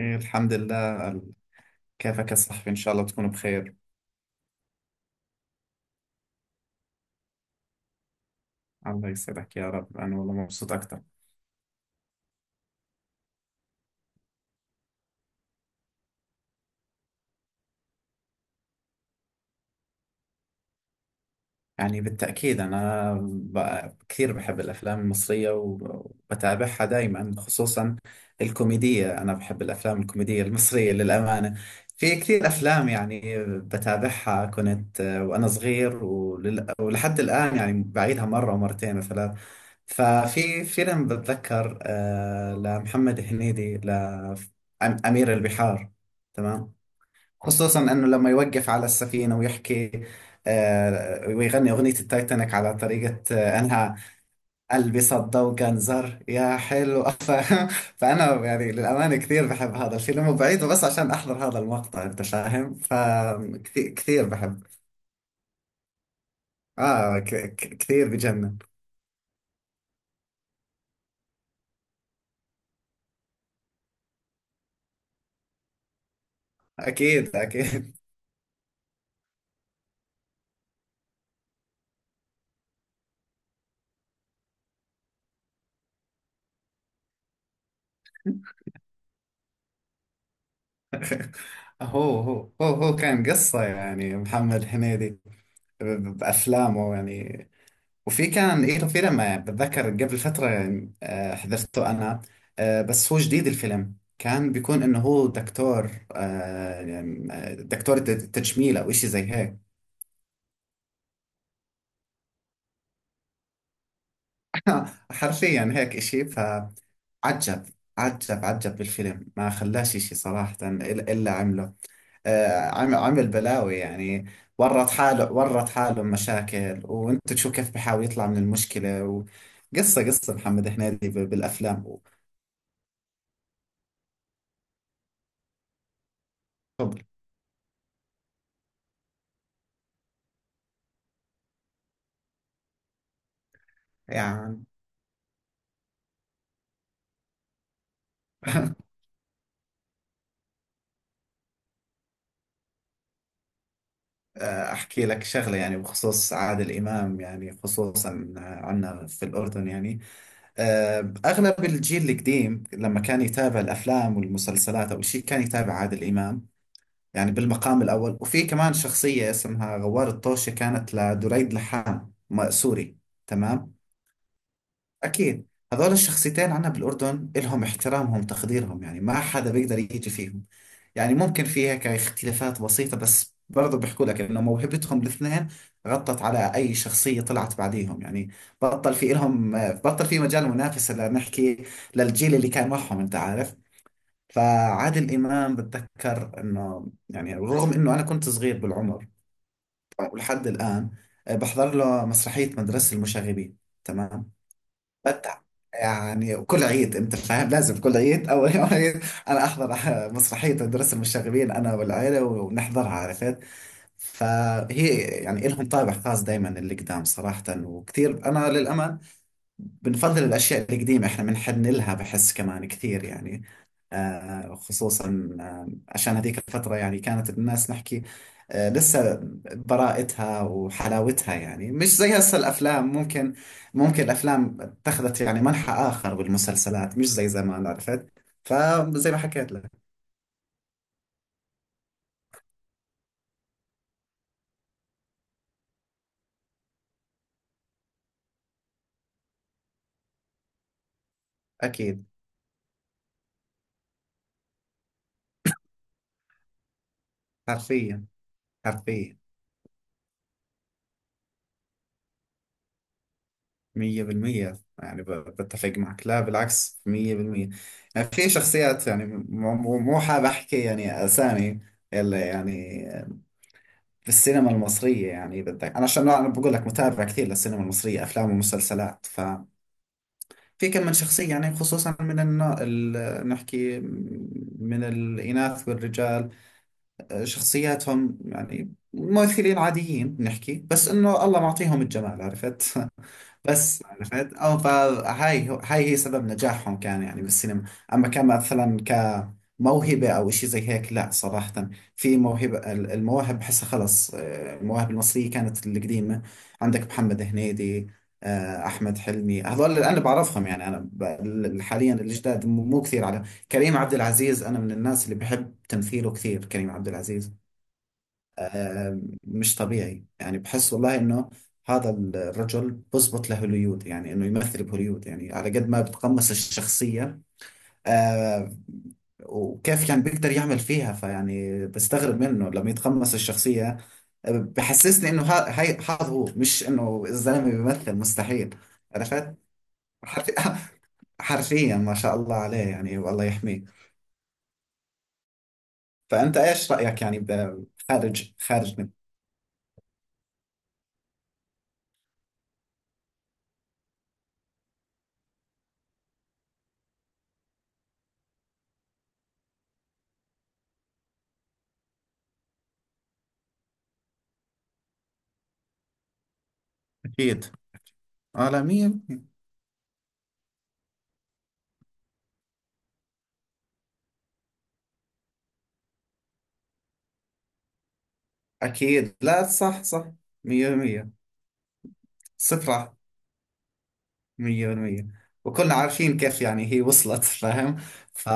إيه، الحمد لله. كيفك يا صاحبي؟ إن شاء الله تكون بخير. الله يسعدك يا رب. أنا والله مبسوط أكتر. يعني بالتأكيد أنا كثير بحب الأفلام المصرية وبتابعها دائما، خصوصا الكوميدية. أنا بحب الأفلام الكوميدية المصرية للأمانة. في كثير أفلام يعني بتابعها كنت وأنا صغير ولحد الآن. يعني بعيدها مرة ومرتين وثلاث. ففي فيلم بتذكر لمحمد هنيدي، لأمير البحار. تمام. خصوصا انه لما يوقف على السفينه ويحكي، ويغني اغنيه التايتانيك على طريقه. انها قلبي صدق وجنزر يا حلو، فاهم؟ فانا يعني للامانه كثير بحب هذا الفيلم وبعيده بس عشان احضر هذا المقطع، انت فاهم، فكثير كثير بحب. اه، كثير بجنن. اكيد اكيد. هو كان قصه، يعني محمد هنيدي بافلامه يعني. وفي كان إله فيلم، بتذكر قبل فترة. حضرته أنا. بس هو جديد الفيلم كان بيكون إنه هو دكتور، يعني، دكتور تجميل أو إشي زي هيك. حرفيا هيك إشي. فعجب عجب عجب بالفيلم. ما خلاش إشي صراحة إلا عمله. عمل بلاوي يعني. ورط حاله مشاكل، وانت تشوف كيف بحاول يطلع من المشكلة. وقصة محمد هنيدي بالأفلام يعني. أحكي لك شغلة، يعني بخصوص عادل إمام، يعني خصوصا عنا في الأردن يعني. أغلب الجيل القديم لما كان يتابع الأفلام والمسلسلات أو شيء كان يتابع عادل إمام. يعني بالمقام الأول. وفي كمان شخصية اسمها غوار الطوشي، كانت لدريد لحام سوري. تمام. أكيد. هذول الشخصيتين عنا بالأردن إلهم احترامهم تقديرهم، يعني ما حدا بيقدر يجي فيهم. يعني ممكن في هيك اختلافات بسيطة، بس برضو بيحكوا لك إنه موهبتهم الاثنين غطت على أي شخصية طلعت بعديهم يعني. بطل، في إلهم بطل في مجال، منافسة لنحكي للجيل اللي كان معهم، أنت عارف. فعادل إمام بتذكر إنه يعني رغم إنه أنا كنت صغير بالعمر، ولحد الآن بحضر له مسرحية مدرسة المشاغبين. تمام. بتع يعني وكل عيد، انت فاهم، لازم كل عيد او يوم عيد، انا احضر مسرحيه الدرس المشاغبين انا والعيله، ونحضرها، عرفت. فهي يعني لهم طابع خاص دائما اللي قدام صراحه. وكثير انا للامانه بنفضل الأشياء القديمة، إحنا بنحن لها، بحس كمان كثير يعني. خصوصا، عشان هذيك الفترة يعني كانت الناس نحكي، لسه براءتها وحلاوتها، يعني مش زي هسه الأفلام ممكن. ممكن الأفلام اتخذت يعني منحى آخر، والمسلسلات مش زي زمان، عرفت. فزي ما حكيت لك. أكيد. حرفيا حرفيا مية بالمية. يعني بتفق معك. لا بالعكس، مية بالمية. يعني في شخصيات، يعني مو حاب أحكي يعني أسامي اللي يعني بالسينما المصرية، يعني بدك أنا عشان أنا بقول لك متابع كثير للسينما المصرية أفلام ومسلسلات. ففي كم من شخصية يعني، خصوصا من نحكي، من الإناث والرجال، شخصياتهم يعني ممثلين عاديين نحكي، بس إنه الله معطيهم الجمال، عرفت. بس عرفت، اه فهاي هاي هي سبب نجاحهم كان يعني بالسينما. اما كان مثلا كموهبة او اشي زي هيك، لا صراحة. في موهبة، المواهب بحسها خلص. المواهب المصرية كانت القديمة. عندك محمد هنيدي، احمد حلمي، هذول اللي انا بعرفهم يعني. انا حاليا الجداد مو كثير على. كريم عبد العزيز، انا من الناس اللي بحب تمثيله كثير، كريم عبد العزيز. مش طبيعي يعني، بحس والله انه هذا الرجل بزبط لهوليود، يعني انه يمثل بهوليود. يعني على قد ما بتقمص الشخصية، آه وكيف يعني بيقدر يعمل فيها، فيعني بستغرب منه لما يتقمص الشخصية. بحسسني انه هاي هذا هو، مش انه الزلمة بيمثل، مستحيل عرفت. حرف- حرفيا ما شاء الله عليه يعني، والله يحميه. فأنت ايش رأيك يعني خارج، أكيد. عالمية. أكيد. لا، صح صح. مية بالمية. صفرة. مية بالمية. وكلنا عارفين كيف يعني هي وصلت، فاهم. ف...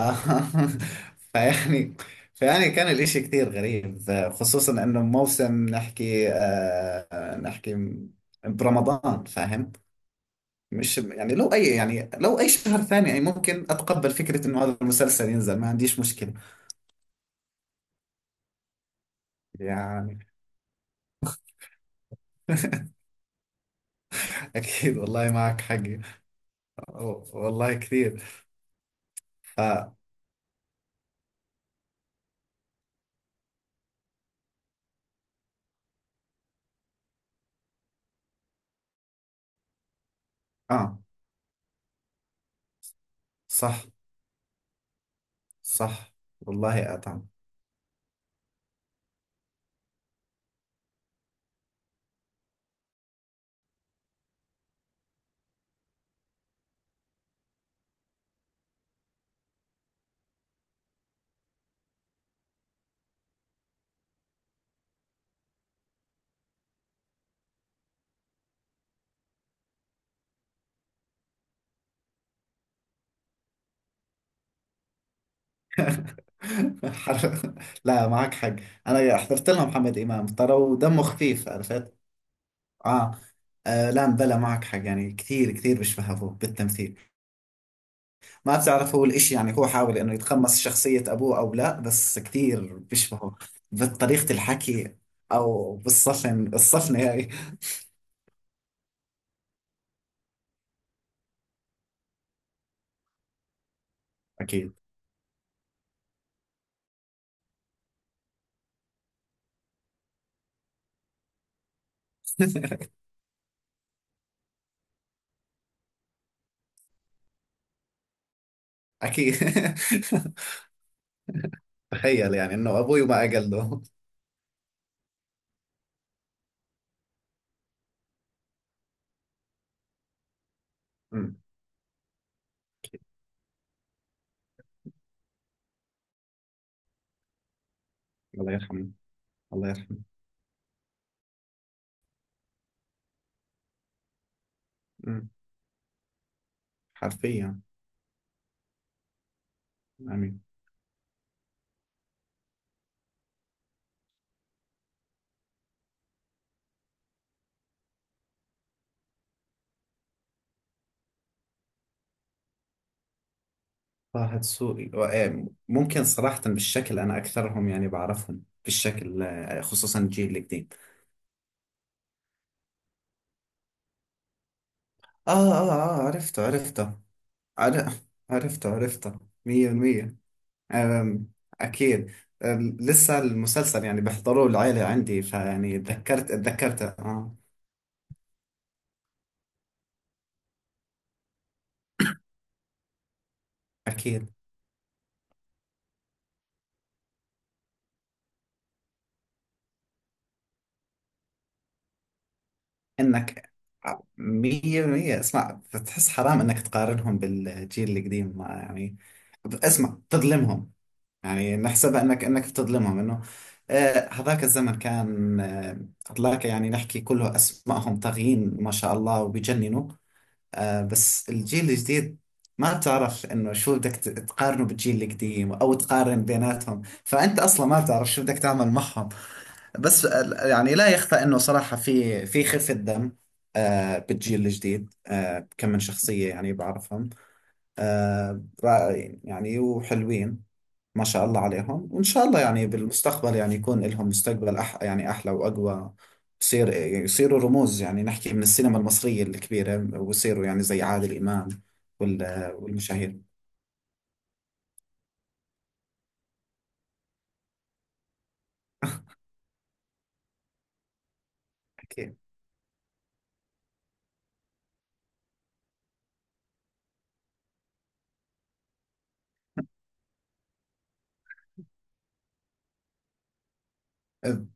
فيعني فيعني كان الإشي كثير غريب. خصوصا إنه موسم نحكي، نحكي برمضان، فاهم. مش يعني لو أي، يعني لو أي شهر ثاني، يعني ممكن أتقبل فكرة إنه هذا المسلسل ينزل، ما عنديش مشكلة. يعني أكيد، والله معك حقي، والله كثير. ف... آه، صح صح. والله أطعم. حر- لا معك حق. أنا حضرت لها محمد إمام ترى، ودمه خفيف عرفت. آه. لا بلا، معك حق. يعني كثير كثير بيشبه أبوه بالتمثيل. ما بتعرف هو الإشي، يعني هو حاول إنه يتقمص شخصية أبوه أو لا، بس كثير بيشبهه بطريقة الحكي، أو بالصفن، الصفنة هاي. أكيد أكيد. تخيل يعني إنه أبوي ما أقل له. أمم، الله يرحمه، الله يرحمه. أمم، حرفيا. امين. طه دسوقي، ممكن صراحة بالشكل أنا أكثرهم يعني بعرفهم بالشكل، خصوصا الجيل الجديد. عرفته عرفته. عر- عرفته عرفته. مية بالمية. آم، أكيد. لسه المسلسل يعني بحضروه العيلة عندي، فيعني تذكرت، تذكرته. آه. أكيد. إنك، مية بالمية. اسمع، بتحس حرام إنك تقارنهم بالجيل القديم ما يعني. اسمع تظلمهم. يعني نحسبها أنك بتظلمهم، إنه هذاك الزمن كان، هذاك يعني نحكي كله، أسمائهم طاغيين ما شاء الله وبيجننوا. بس الجيل الجديد، ما بتعرف إنه شو بدك تقارنه بالجيل القديم أو تقارن بيناتهم، فأنت أصلا ما بتعرف شو بدك تعمل معهم. بس يعني لا يخفى إنه صراحة في خفة دم، بالجيل الجديد. كم من شخصية يعني بعرفهم، رائعين يعني وحلوين. ما شاء الله عليهم، وإن شاء الله يعني بالمستقبل يعني يكون لهم مستقبل، يعني أحلى وأقوى. يصير يصيروا رموز، يعني نحكي من السينما المصرية الكبيرة، ويصيروا يعني زي عادل إمام، والمشاهير. أكيد.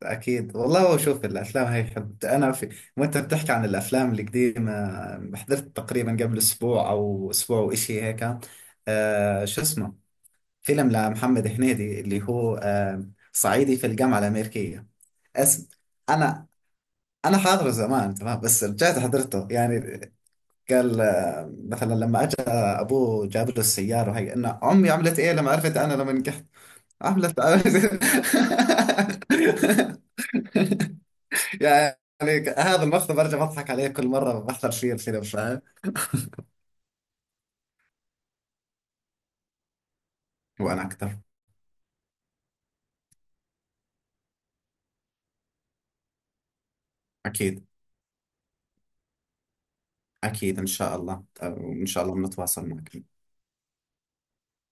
أكيد، والله، شوف الأفلام هاي حلوة. أنا في وأنت بتحكي عن الأفلام القديمة، حضرت تقريبا قبل أسبوع أو أسبوع وإشي هيك. شو اسمه، فيلم لمحمد هنيدي اللي هو، صعيدي في الجامعة الأمريكية. أس... انا انا حاضره زمان تمام، بس رجعت حضرته يعني. قال مثلا لما اجى ابوه جاب له السياره، وهي ان امي عملت ايه لما عرفت انا لما نجحت، عملت. يعني هذا المقطع برجع بضحك عليه كل مره بحضر فيه الفيلم، فاهم. وانا اكثر. اكيد اكيد، ان شاء الله، وان شاء الله بنتواصل معك.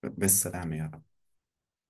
بالسلامه يا رب.